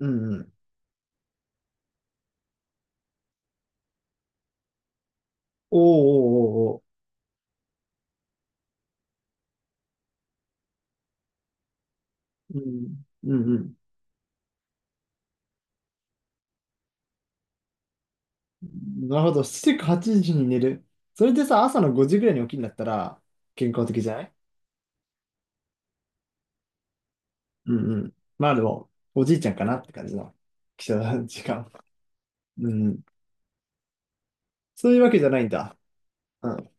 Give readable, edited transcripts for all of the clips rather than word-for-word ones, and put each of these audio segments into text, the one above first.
うんうん。おーおーおーおー。うん。うんうん。なるほど。7時8時に寝る。それでさ、朝の5時ぐらいに起きるんだったら、健康的じゃない。うんうん。まあでも、おじいちゃんかなって感じの、起床時間。うん、そういうわけじゃないんだ。うん。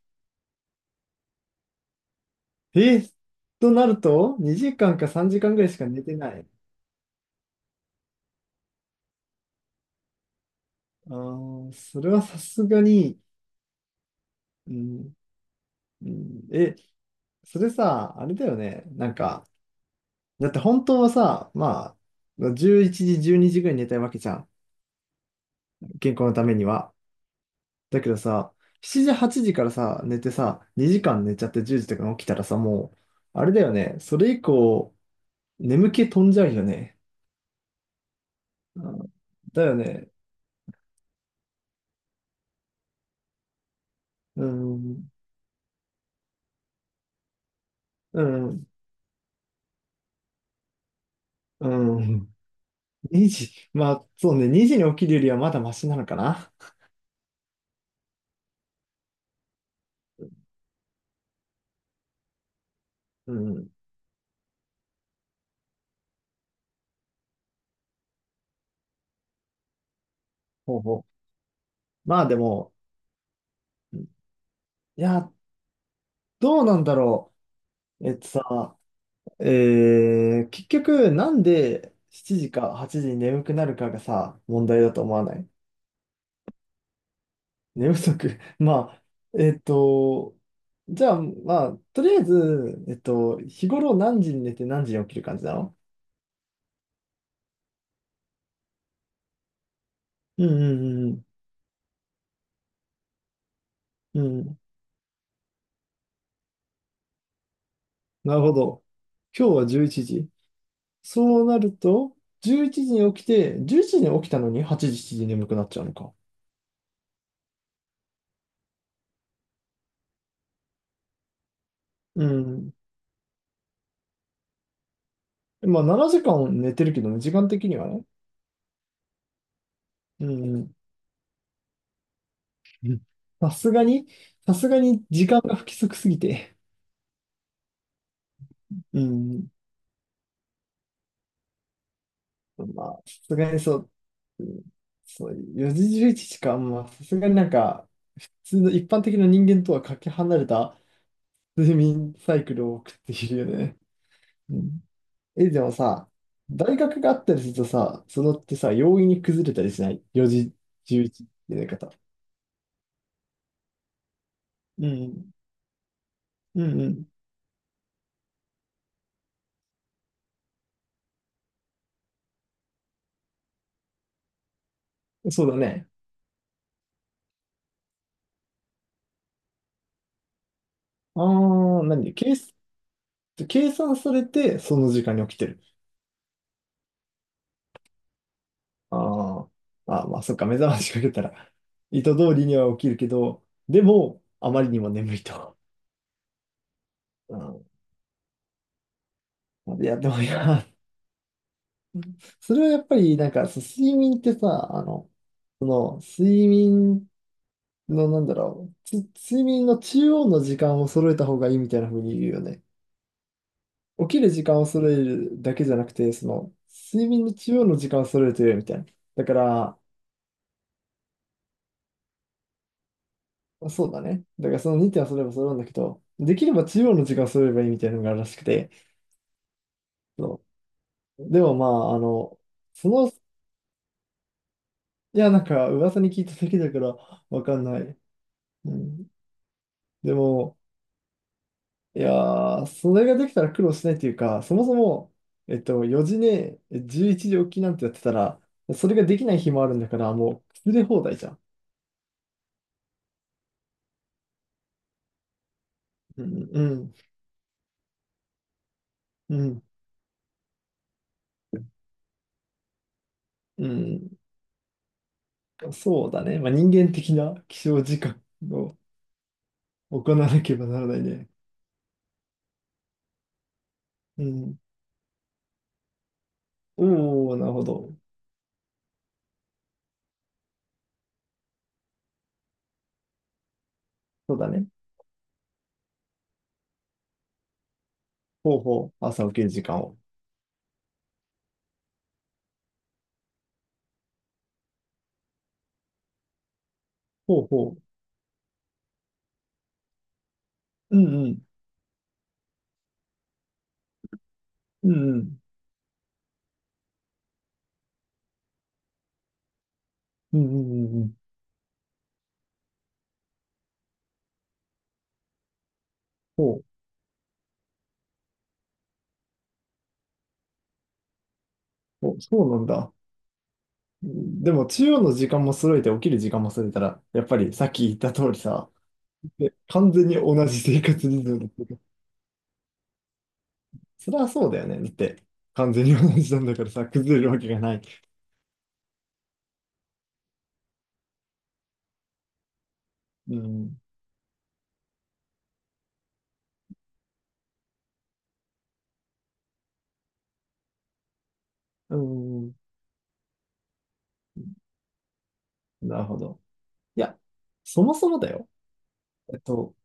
えとなると、2時間か3時間ぐらいしか寝てない。あー、それはさすがに、うん、うん、え、それさ、あれだよね。なんか、だって本当はさ、まあ、11時、12時ぐらいに寝たいわけじゃん。健康のためには。だけどさ、7時、8時からさ、寝てさ、2時間寝ちゃって10時とかに起きたらさ、あれだよね。それ以降、眠気飛んじゃうよね。うん、だよね。うん、うん、うん。2時、まあ、そうね、2時に起きるよりはまだマシなのかな。うん、ほうほう。まあでも、いや、どうなんだろう。えっとさ、結局、なんで7時か8時に眠くなるかがさ、問題だと思わない？寝不足 まあ、えっと、じゃあ、まあ、とりあえず、日頃何時に寝て何時に起きる感じなの？うんうんうん。うん。なるほど。今日は11時。そうなると、11時に起きて、11時に起きたのに8時、7時に眠くなっちゃうのか。うん。まあ、7時間寝てるけどね、時間的にはね。うんうん。うん、さすがに、さすがに時間が不規則すぎて。うん。まあ、さすがにそう、うん、そう、4時11時かん。まあ、さすがになんか、普通の一般的な人間とはかけ離れた睡眠サイクルを送っているよね。うん。え、でもさ、大学があったりするとさ、そのってさ、容易に崩れたりしない。4時11時って寝方。うん。うんうん。そうだね。ああ、計算されて、その時間に起きてる。あーあー、まあまあ、そっか、目覚ましかけたら、意図通りには起きるけど、でも、あまりにも眠いと。うん、いや、でもいや、それはやっぱり、なんか、そう睡眠ってさ、あの、その、睡眠の、なんだろう、睡眠の中央の時間を揃えた方がいいみたいな風に言うよね。起きる時間を揃えるだけじゃなくて、その、睡眠の中央の時間を揃えるとよいみたいな。だから、そうだね。だからその2点はそれば揃うんだけど、できれば中央の時間を揃えればいいみたいなのがあるらしくて、そう。でもまあ、あの、その、いや、なんか、噂に聞いただけだから、わかんない。うん。でも、いやー、それができたら苦労しないっていうか、そもそも、4時ね、11時起きなんてやってたら、それができない日もあるんだから、もう、崩れ放題じゃん。うん、うん、うん、うん。そうだね。まあ、人間的な起床時間を行わなければならないね。うん。おー、なるほど。そうだね。ほうほう、朝起きる時間を。ほうほう。うんうん、うんうん、うんうんうんうん。そう、おそうなんだ。でも、中央の時間も揃えて起きる時間も揃えたら、やっぱりさっき言った通りさ、で、完全に同じ生活リズムだったけど、それはそうだよね。だって、完全に同じなんだからさ、崩れるわけがない。うん、うん、なるほど。いや、そもそもだよ。えっと、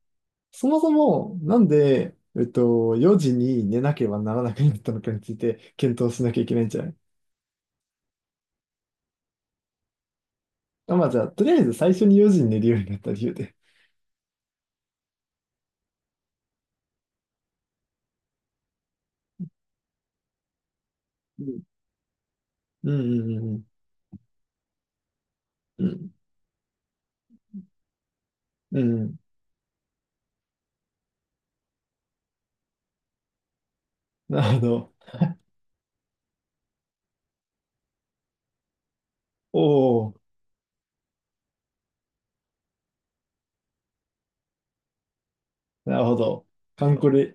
そもそも、なんで、4時に寝なければならなくなったのかについて、検討しなきゃいけないんじゃない？あ、まあじゃあ、とりあえず最初に4時に寝るようになった理由で。うん。うんうんうんうん。うん。なるほど。おお、なるほど。カンコレ、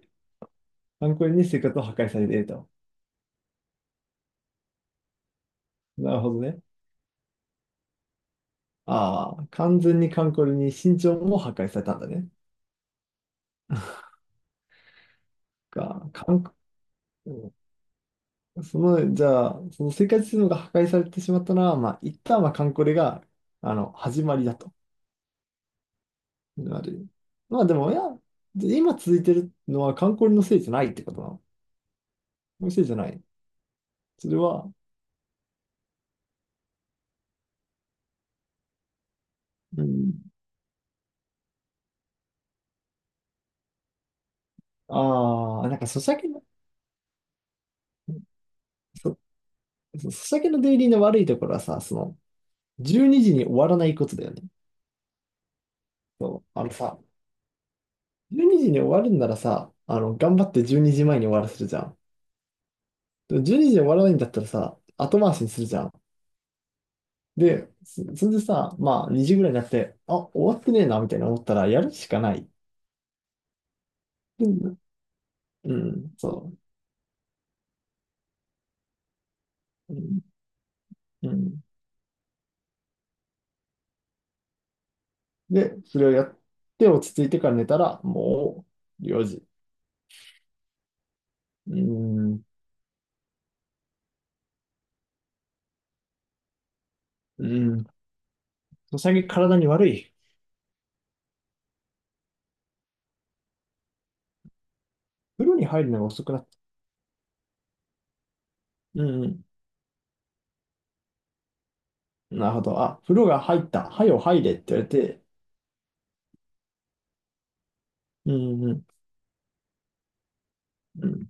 カンコレに生活を破壊されていると。なるほどね。ああ、完全にカンコレに身長も破壊されたんだね。か、カンコ、うん、その、じゃあ、その生活するのが破壊されてしまったのは、まあ、一旦はカンコレが、あの、始まりだと。なる。まあでも、いや、今続いてるのはカンコレのせいじゃないってことなの？のせいじゃない。それは、うん。ああ、なんか、ソシャゲの、そ、ソシャゲのデイリーの悪いところはさ、その、12時にじに終わらないことだよね。あのさ、12時にじに終わるんならさ、あの、頑張って12時前にじまえに終わらせるじゃん。でも12時にじに終わらないんだったらさ、後回しにするじゃん。で、それでさ、まあ、2時ぐらいになって、あ、終わってねえな、みたいな思ったら、やるしかない。うん、うん、そう。うん、うん。で、それをやって、落ち着いてから寝たら、もう、4時。うん、うん。最近体に悪い。風呂に入るのが遅くなった。うんうん。なるほど。あ、風呂が入った。はよ入れって言われて。うんうん。うん。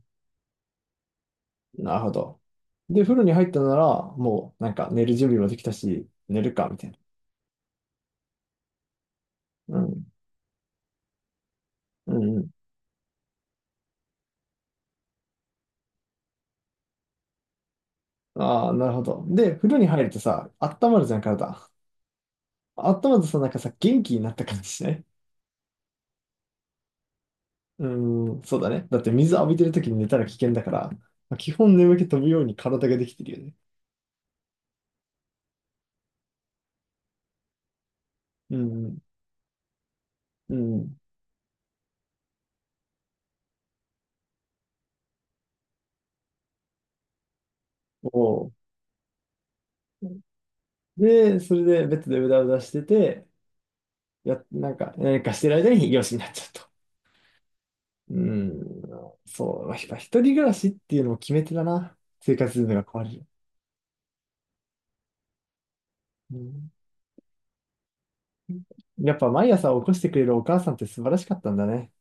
なるほど。で、風呂に入ったなら、もうなんか寝る準備もできたし、寝るか、みたいな。うん。うんうん。ああ、なるほど。で、風呂に入るとさ、温まるじゃん、体。温まるとさ、なんかさ、元気になった感じしない？うん、そうだね。だって水浴びてる時に寝たら危険だから、まあ基本眠気飛ぶように体ができてるよね。うんうん。うん。おお。で、それでベッドでうだうだしてて、や、なんか、何かしてる間に養子になっちゃうと。うん、そう、やっぱ一人暮らしっていうのも決め手だな。生活リズムが壊れる。うん、やっぱ毎朝起こしてくれるお母さんって素晴らしかったんだね。